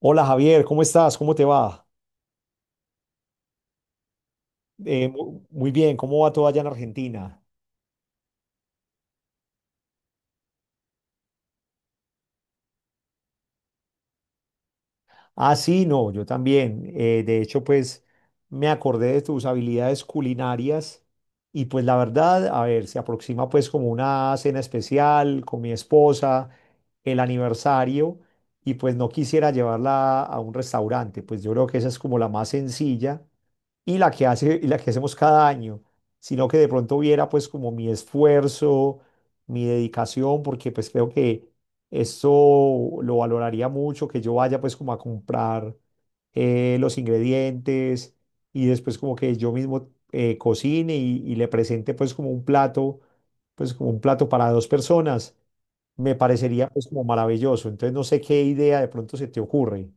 Hola Javier, ¿cómo estás? ¿Cómo te va? Muy bien, ¿cómo va todo allá en Argentina? Ah, sí, no, yo también. De hecho, pues me acordé de tus habilidades culinarias y pues la verdad, a ver, se aproxima pues como una cena especial con mi esposa, el aniversario y pues no quisiera llevarla a un restaurante, pues yo creo que esa es como la más sencilla y la que hacemos cada año, sino que de pronto viera pues como mi esfuerzo, mi dedicación, porque pues creo que esto lo valoraría mucho, que yo vaya pues como a comprar los ingredientes y después como que yo mismo cocine y le presente pues como un plato, pues como un plato para dos personas, me parecería pues como maravilloso. Entonces no sé qué idea de pronto se te ocurre.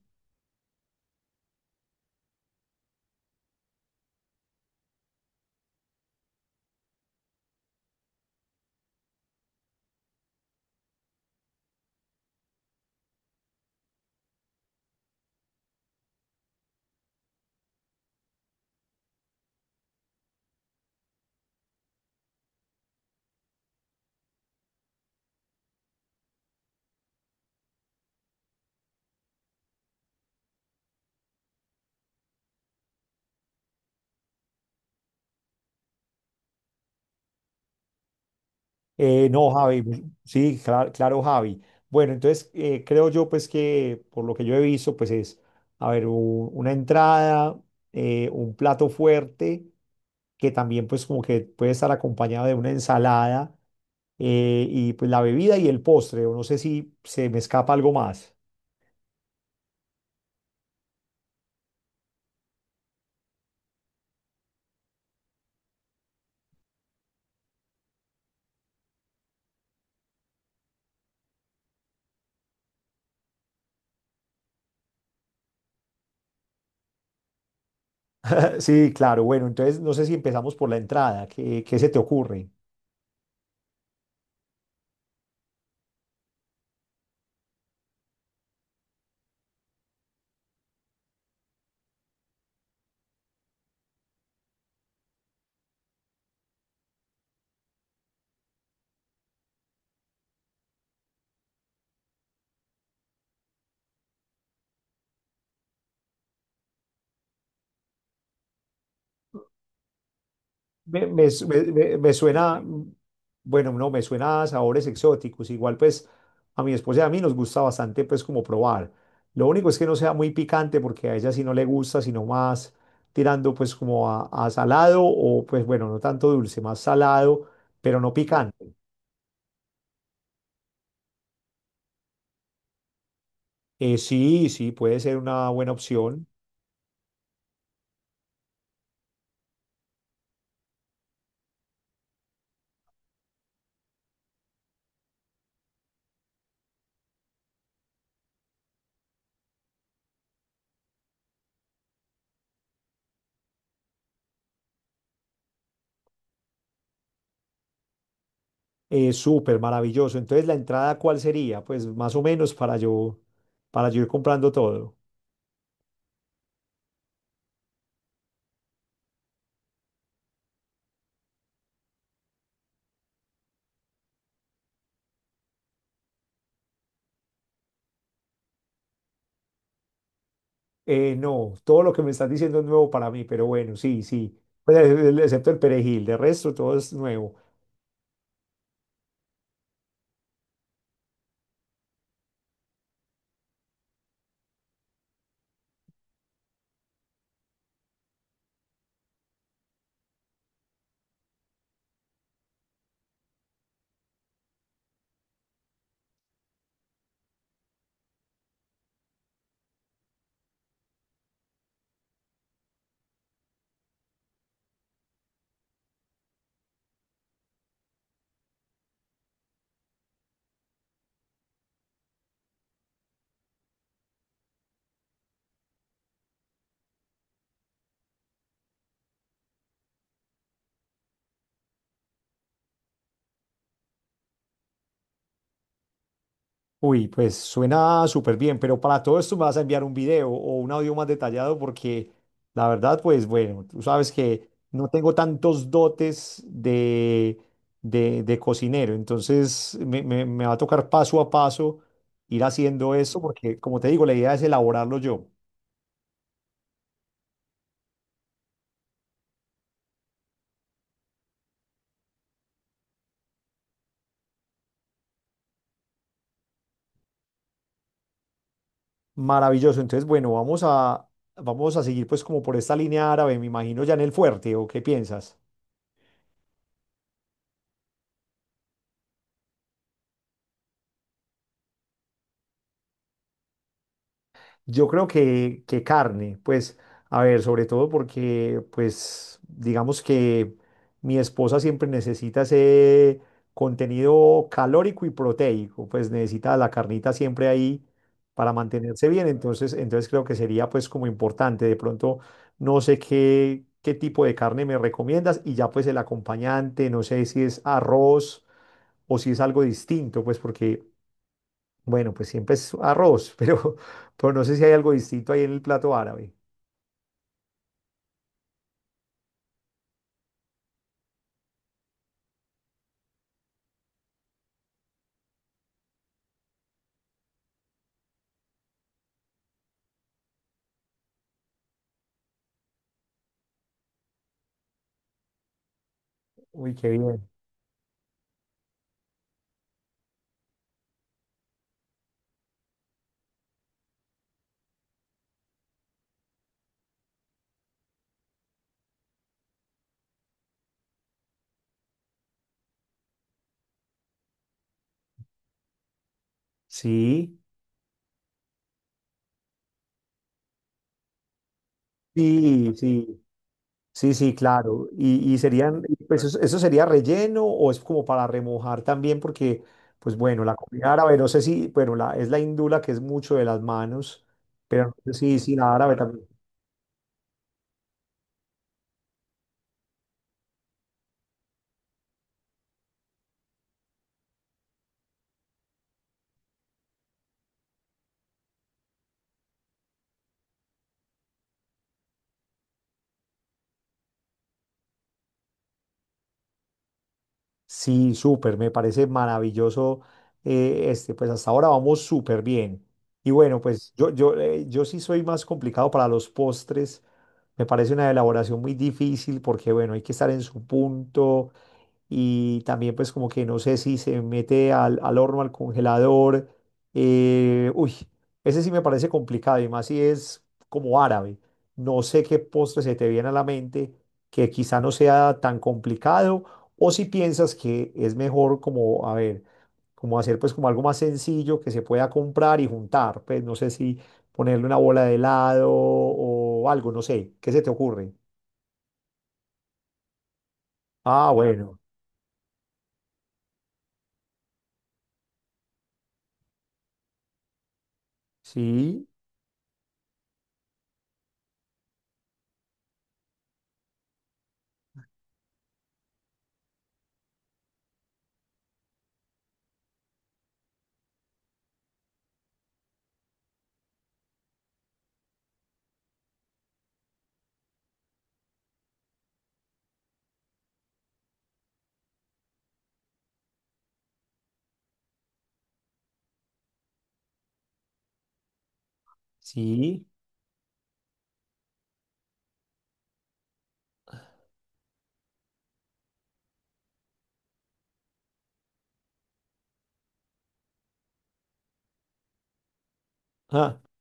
No, Javi, pues, sí, claro, Javi. Bueno, entonces creo yo pues que por lo que yo he visto pues es, a ver, una entrada, un plato fuerte que también pues como que puede estar acompañado de una ensalada y pues la bebida y el postre, o no sé si se me escapa algo más. Sí, claro, bueno, entonces no sé si empezamos por la entrada, ¿qué se te ocurre? Me suena, mm, bueno, no, me suena a sabores exóticos. Igual pues a mi esposa y a mí nos gusta bastante pues como probar. Lo único es que no sea muy picante porque a ella sí no le gusta, sino más tirando pues como a salado o pues bueno, no tanto dulce, más salado, pero no picante. Sí, sí, puede ser una buena opción. Súper maravilloso. Entonces, ¿la entrada cuál sería? Pues más o menos para yo ir comprando todo. No, todo lo que me estás diciendo es nuevo para mí, pero bueno, sí, sí. Pues, excepto el perejil, de resto todo es nuevo. Uy, pues suena súper bien, pero para todo esto me vas a enviar un video o un audio más detallado porque la verdad, pues bueno, tú sabes que no tengo tantos dotes de cocinero, entonces me va a tocar paso a paso ir haciendo esto porque, como te digo, la idea es elaborarlo yo. Maravilloso. Entonces, bueno, vamos a seguir pues como por esta línea árabe, me imagino, ya en el fuerte, ¿o qué piensas? Yo creo que carne, pues, a ver, sobre todo porque, pues, digamos que mi esposa siempre necesita ese contenido calórico y proteico, pues necesita la carnita siempre ahí para mantenerse bien, entonces, entonces creo que sería pues como importante, de pronto no sé qué tipo de carne me recomiendas y ya pues el acompañante, no sé si es arroz o si es algo distinto, pues porque bueno, pues siempre es arroz, pero no sé si hay algo distinto ahí en el plato árabe. Uy, qué bien. Sí, sí, sí, sí, sí, claro. Y serían, y pues eso sería relleno o es como para remojar también, porque, pues bueno, la comida árabe, no sé si, bueno, la, es la hindú la que es mucho de las manos, pero no sé si, si la árabe también. Sí, súper, me parece maravilloso este, pues hasta ahora vamos súper bien. Y bueno, pues yo sí soy más complicado para los postres, me parece una elaboración muy difícil porque bueno, hay que estar en su punto, y también pues como que no sé si se mete al horno, al congelador. Eh, uy, ese sí me parece complicado y más si es como árabe. No sé qué postre se te viene a la mente que quizá no sea tan complicado o si piensas que es mejor como, a ver, como hacer pues como algo más sencillo que se pueda comprar y juntar. Pues no sé si ponerle una bola de helado o algo, no sé, ¿qué se te ocurre? Ah, bueno, sí, sí.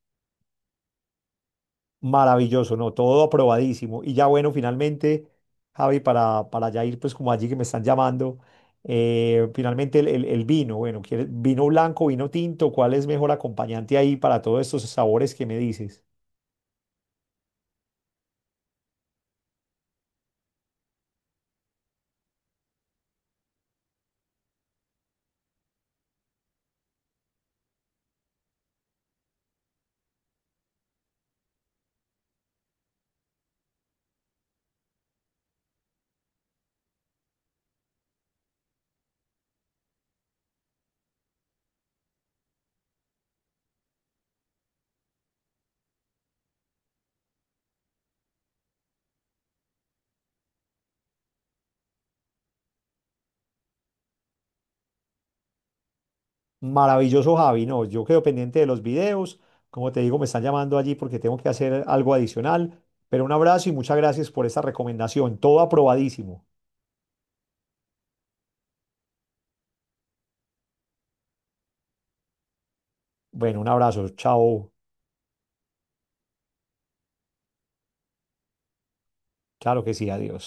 Maravilloso, ¿no? Todo aprobadísimo. Y ya bueno, finalmente, Javi, para ya ir pues como allí que me están llamando, finalmente el vino, bueno, ¿quieres vino blanco, vino tinto? ¿Cuál es mejor acompañante ahí para todos estos sabores que me dices? Maravilloso, Javi, no, yo quedo pendiente de los videos. Como te digo, me están llamando allí porque tengo que hacer algo adicional. Pero un abrazo y muchas gracias por esta recomendación. Todo aprobadísimo. Bueno, un abrazo. Chao. Claro que sí, adiós.